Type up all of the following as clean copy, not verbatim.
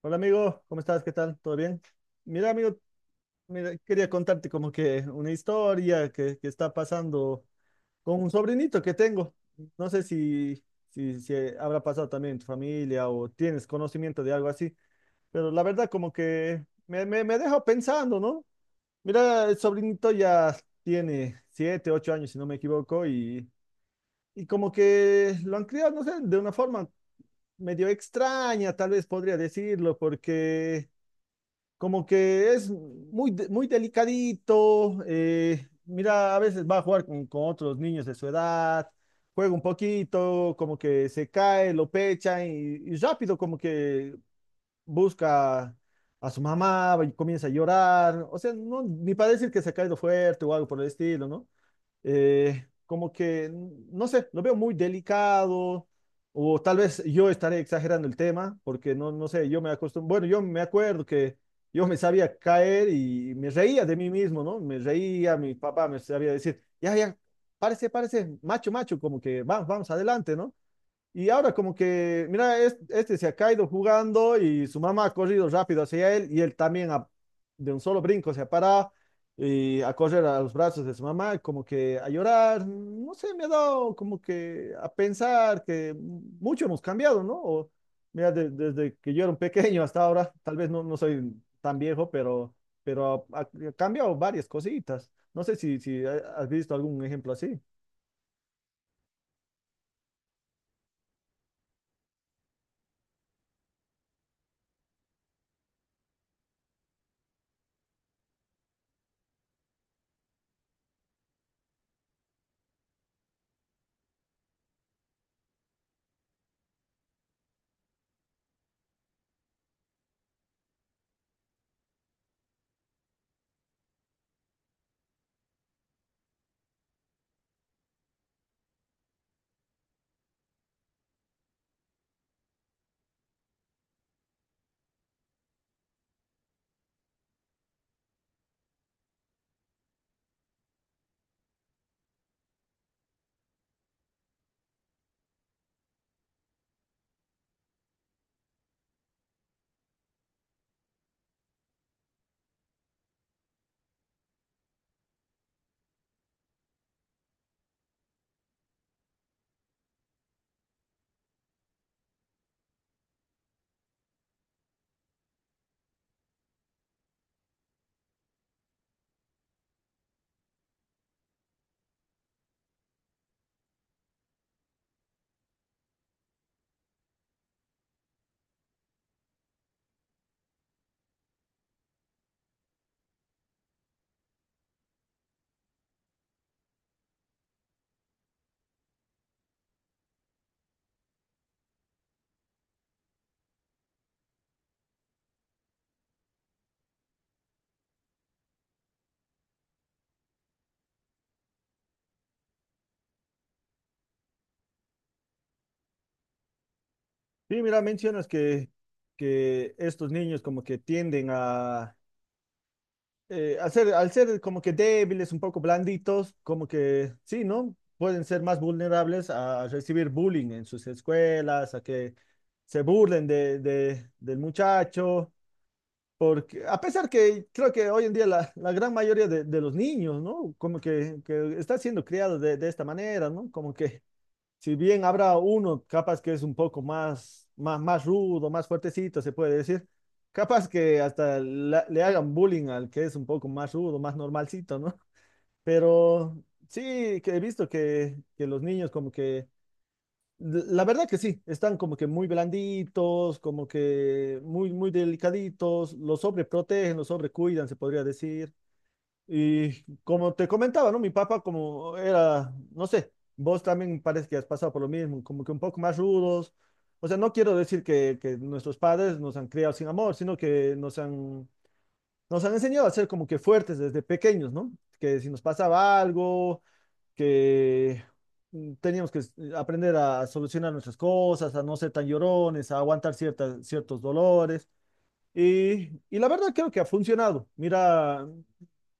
Hola amigo, ¿cómo estás? ¿Qué tal? ¿Todo bien? Mira amigo, mira, quería contarte como que una historia que está pasando con un sobrinito que tengo. No sé si habrá pasado también en tu familia o tienes conocimiento de algo así, pero la verdad como que me deja pensando, ¿no? Mira, el sobrinito ya tiene siete, ocho años, si no me equivoco, y como que lo han criado, no sé, de una forma medio extraña, tal vez podría decirlo, como que es muy delicadito. Mira, a veces va a jugar con otros niños de su edad, juega un poquito, como que se cae, lo pecha y rápido como que busca a su mamá y comienza a llorar. O sea, no, ni para decir que se ha caído fuerte o algo por el estilo, ¿no? eh, como que, no sé, lo veo muy delicado, o tal vez yo estaré exagerando el tema, porque no sé, yo me acostumbro, bueno, yo me acuerdo que yo me sabía caer y me reía de mí mismo, ¿no? Me reía, mi papá me sabía decir, ya, ya, párese, párese, macho, macho, como que vamos, vamos adelante, ¿no? Y ahora como que, mira, este se ha caído jugando y su mamá ha corrido rápido hacia él y él también de un solo brinco se ha parado y a correr a los brazos de su mamá, como que a llorar, no sé, me ha dado como que a pensar que mucho hemos cambiado, ¿no? O, mira, desde que yo era un pequeño hasta ahora, tal vez no soy tan viejo, pero ha cambiado varias cositas. No sé si has visto algún ejemplo así. Sí, mira, mencionas que estos niños como que tienden al ser como que débiles, un poco blanditos, como que sí, ¿no? Pueden ser más vulnerables a recibir bullying en sus escuelas, a que se burlen del muchacho, porque a pesar que creo que hoy en día la gran mayoría de los niños, ¿no? Como que está siendo criados de esta manera, ¿no? Como que si bien habrá uno capaz que es un poco más rudo, más fuertecito, se puede decir, capaz que hasta le hagan bullying al que es un poco más rudo, más normalcito, ¿no? Pero sí, que he visto que los niños como que, la verdad que sí, están como que muy blanditos, como que muy, muy delicaditos, los sobreprotegen, los sobrecuidan, se podría decir. Y como te comentaba, ¿no? Mi papá como era, no sé, vos también parece que has pasado por lo mismo, como que un poco más rudos. O sea, no quiero decir que nuestros padres nos han criado sin amor, sino que nos han enseñado a ser como que fuertes desde pequeños, ¿no? Que si nos pasaba algo, que teníamos que aprender a solucionar nuestras cosas, a no ser tan llorones, a aguantar ciertas, ciertos dolores. Y la verdad creo que ha funcionado. Mira,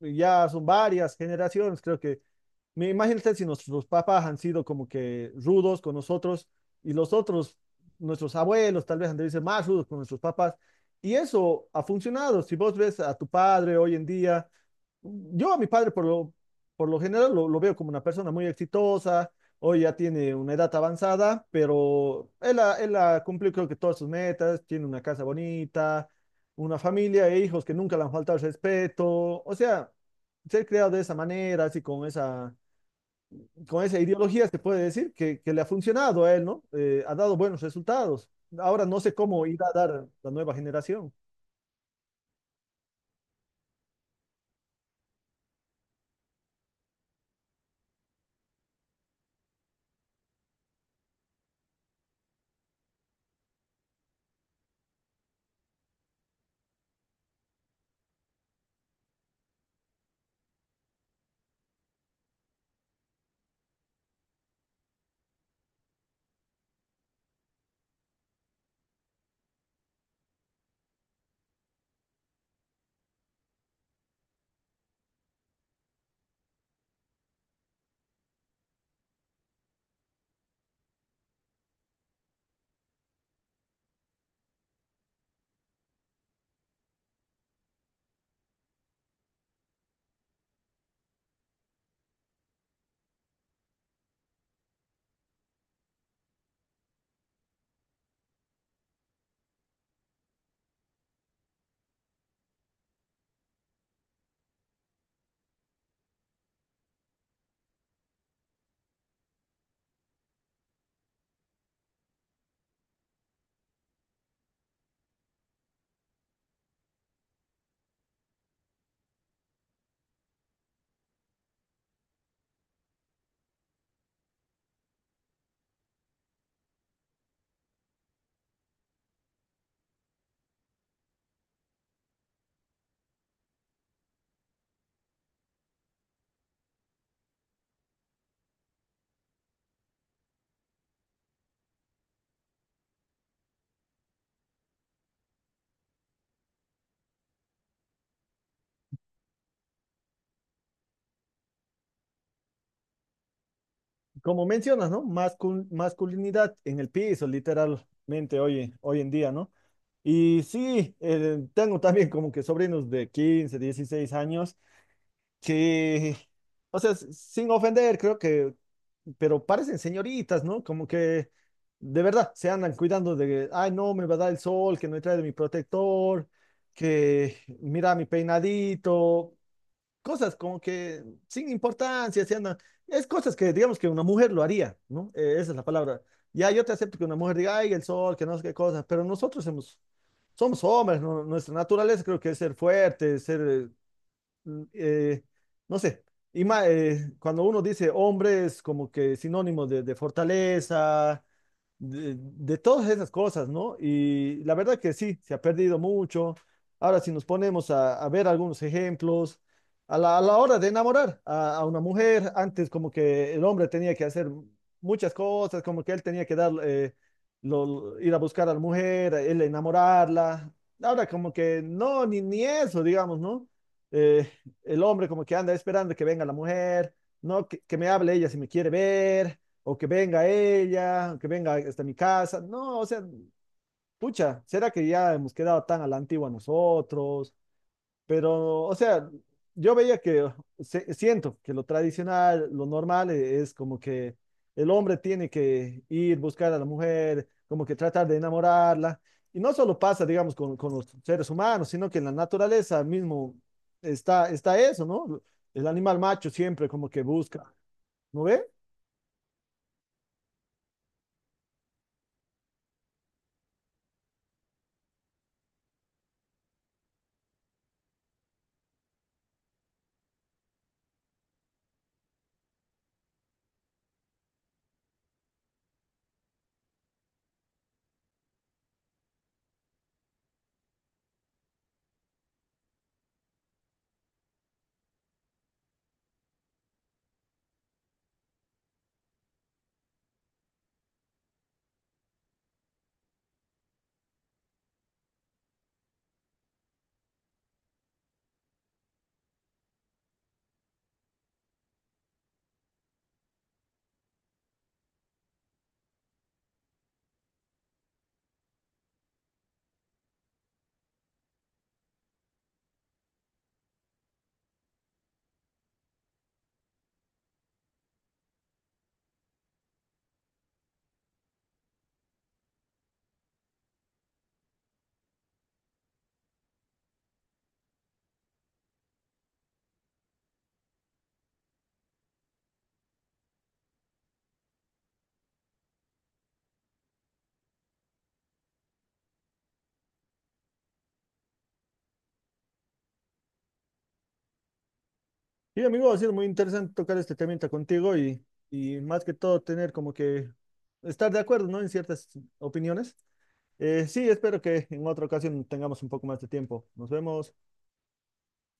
ya son varias generaciones, creo que, me imagínate si nuestros papás han sido como que rudos con nosotros y los otros, nuestros abuelos tal vez han de ser más rudos con nuestros papás. Y eso ha funcionado. Si vos ves a tu padre hoy en día yo a mi padre, por lo general, lo veo como una persona muy exitosa. Hoy ya tiene una edad avanzada, pero él ha cumplido creo que todas sus metas. Tiene una casa bonita, una familia e hijos que nunca le han faltado el respeto. O sea, ser creado de esa manera, así con esa ideología, se puede decir que le ha funcionado a él, ¿no? Ha dado buenos resultados. Ahora no sé cómo irá a dar la nueva generación. Como mencionas, ¿no? Masculinidad en el piso, literalmente, hoy en día, ¿no? Y sí, tengo también como que sobrinos de 15, 16 años que, o sea, sin ofender, creo que, pero parecen señoritas, ¿no? Como que de verdad se andan cuidando que, ay, no, me va a dar el sol, que no he traído mi protector, que mira mi peinadito cosas como que sin importancia, se andan, es cosas que digamos que una mujer lo haría, ¿no? Esa es la palabra. Ya yo te acepto que una mujer diga, ay, el sol, que no sé qué cosas, pero nosotros hemos, somos hombres, ¿no? Nuestra naturaleza creo que es ser fuerte, mm, eh, no sé, y cuando uno dice hombre es como que sinónimo de fortaleza, de todas esas cosas, ¿no? Y la verdad que sí, se ha perdido mucho. Ahora, si nos ponemos a ver algunos ejemplos, a la hora de enamorar a una mujer, antes como que el hombre tenía que hacer muchas cosas, como que él tenía que dar, ir a buscar a la mujer, él enamorarla. Ahora como que no, ni eso, digamos, ¿no? Eh, el hombre como que anda esperando que venga la mujer, no, que me hable ella si me quiere ver, o que venga ella, o que venga hasta mi casa. No, o sea, pucha, ¿será que ya hemos quedado tan a la antigua nosotros? Pero, o sea, yo veía que, se- siento que lo tradicional, lo normal es como que el hombre tiene que ir buscar a la mujer, como que tratar de enamorarla. Y no solo pasa, digamos, con los seres humanos, sino que en la naturaleza mismo está eso, ¿no? El animal macho siempre como que busca, ¿no ve? Sí, amigo, ha sido muy interesante tocar este temita contigo y más que todo tener como que estar de acuerdo, ¿no? En ciertas opiniones. Sí, espero que en otra ocasión tengamos un poco más de tiempo. Nos vemos.